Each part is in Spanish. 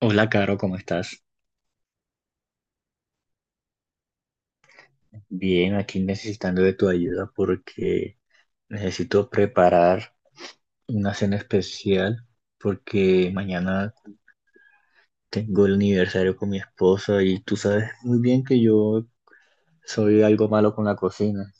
Hola, Caro, ¿cómo estás? Bien, aquí necesitando de tu ayuda porque necesito preparar una cena especial porque mañana tengo el aniversario con mi esposa y tú sabes muy bien que yo soy algo malo con la cocina.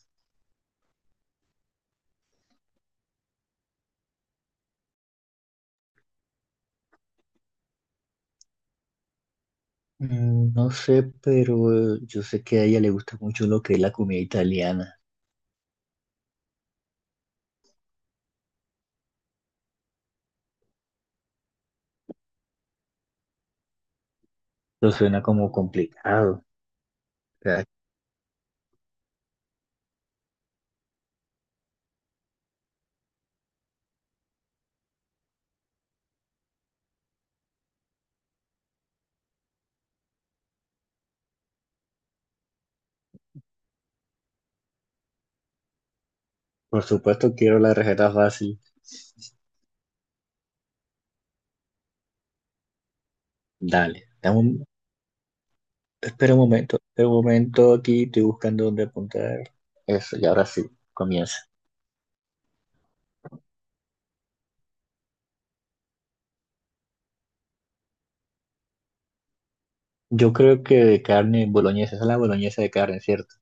Mm, no sé, pero yo sé que a ella le gusta mucho lo que es la comida italiana. Lo suena como complicado. O sea, por supuesto quiero la receta fácil. Dale, espera un momento, espera un momento aquí, estoy buscando dónde apuntar. Eso, y ahora sí, comienza. Yo creo que de carne boloñesa, esa es la boloñesa de carne, ¿cierto?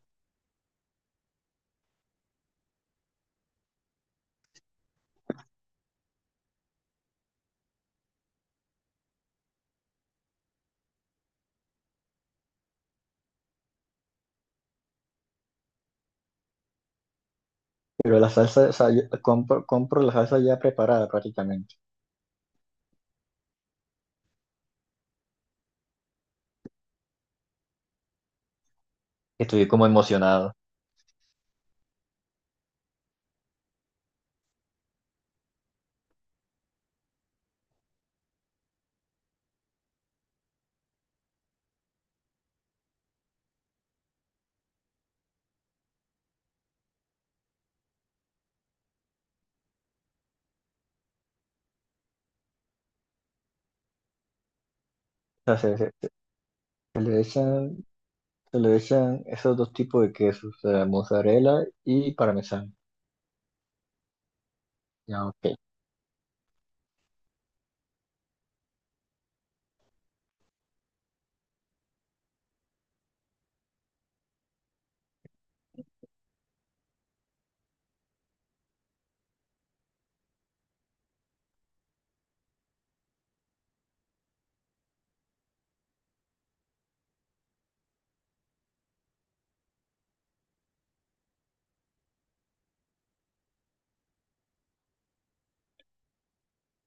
Pero la salsa, o sea, compro la salsa ya preparada prácticamente. Estoy como emocionado. O sea, se le echan esos dos tipos de quesos, o sea, mozzarella y parmesano. Ya, ok.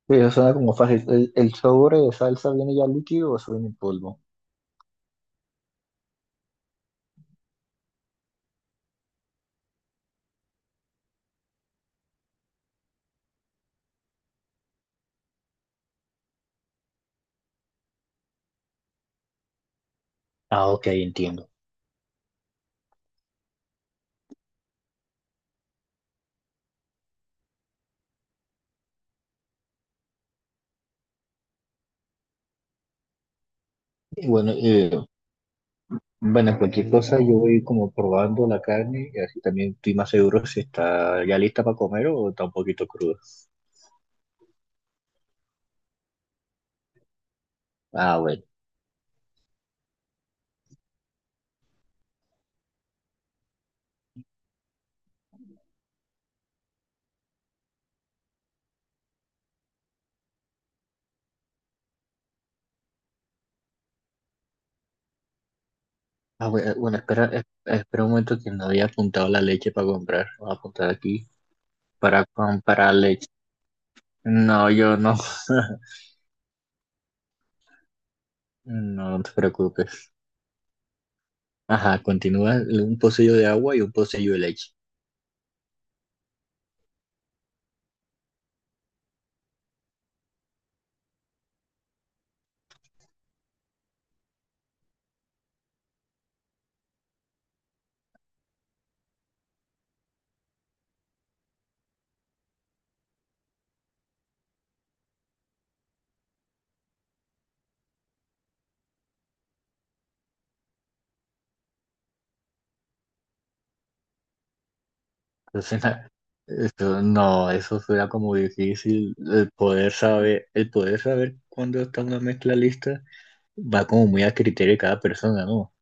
Sí, eso suena como fácil. ¿El sobre de salsa viene ya líquido o eso viene en polvo? Ah, ok, entiendo. Y bueno, bueno, cualquier cosa yo, bueno, voy como probando la carne y así también estoy más seguro si está ya lista para comer o está un poquito cruda. Ah, bueno. Ah, bueno, bueno, espera, espera un momento que no había apuntado la leche para comprar. Voy a apuntar aquí para comprar leche. No, yo no. No, no te preocupes. Ajá, continúa, un pocillo de agua y un pocillo de leche. Entonces, eso, no, eso suena como difícil el poder saber, cuándo está una mezcla lista, va como muy a criterio de cada persona, ¿no?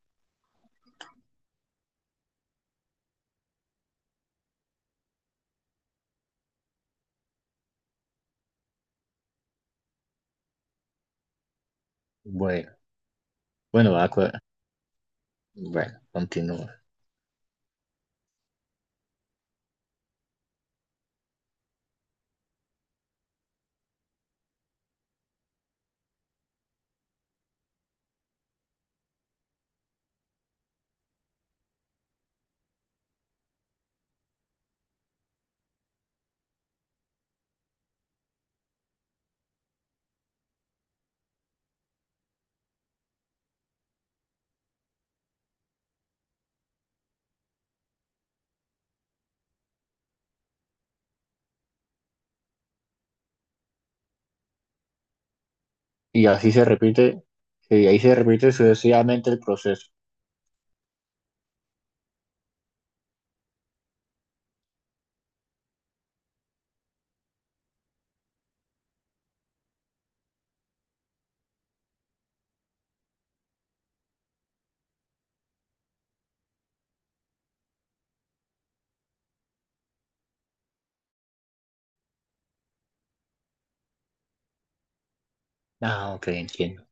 Bueno, bueno, va a cua- bueno, continúa. Y así se repite, sucesivamente el proceso. Ah, ok, entiendo.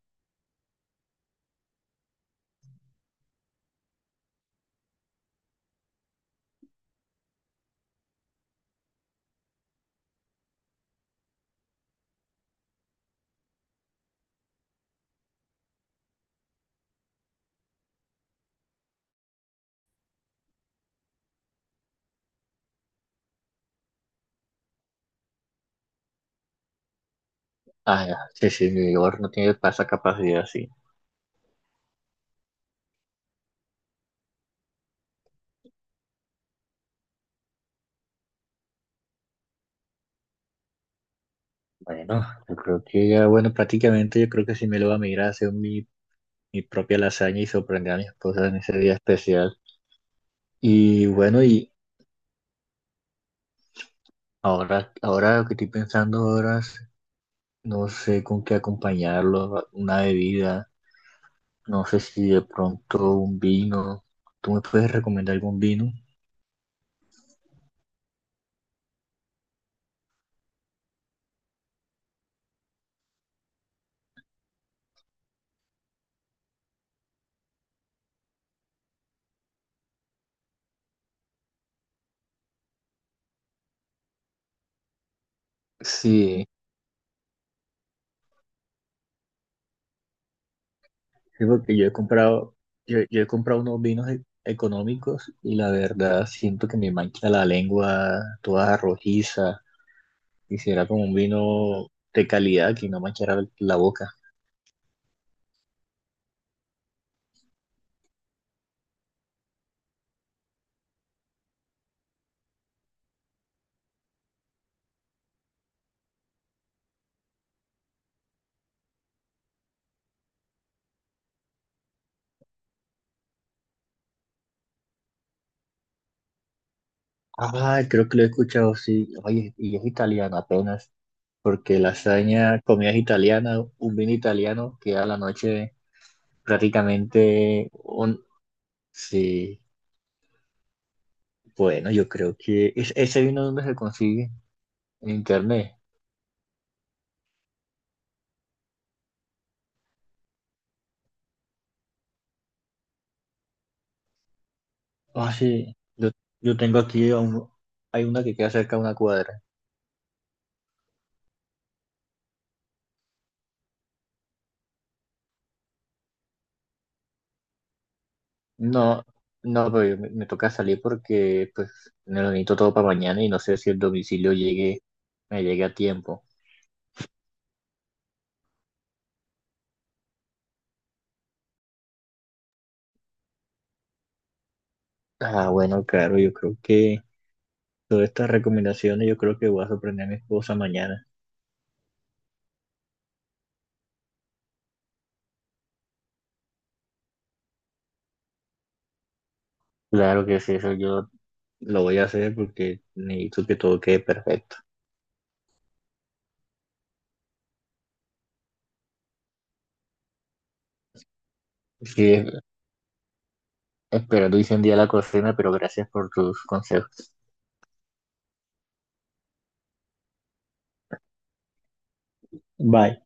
Ah, ya, sí, sí, mi vigor no tiene esa capacidad, sí. Bueno, yo creo que ya, bueno, prácticamente yo creo que sí me lo va a migrar a hacer mi propia lasaña y sorprender a mi esposa en ese día especial. Y bueno, ahora lo que estoy pensando ahora es, no sé con qué acompañarlo, una bebida. No sé si de pronto un vino. ¿Tú me puedes recomendar algún vino? Sí, sí, porque yo he comprado, yo he comprado unos vinos económicos y la verdad siento que me mancha la lengua toda rojiza. Quisiera como un vino de calidad que no manchara la boca. Ah, creo que lo he escuchado, sí. Oye, y es italiano apenas, porque lasaña, comida es italiana, un vino italiano queda a la noche prácticamente un... Sí. Bueno, yo creo que ese vino donde se consigue, en internet. Ah, sí. Yo tengo aquí a un- hay una que queda cerca de una cuadra. No, no, pero yo me toca salir porque pues me lo necesito todo para mañana y no sé si el domicilio llegue, me llegue a tiempo. Ah, bueno, claro, yo creo que todas estas recomendaciones, yo creo que voy a sorprender a mi esposa mañana. Claro que sí, eso yo lo voy a hacer porque necesito que todo quede perfecto. Sí, espero tu hice un día a la cocina, pero gracias por tus consejos. Bye.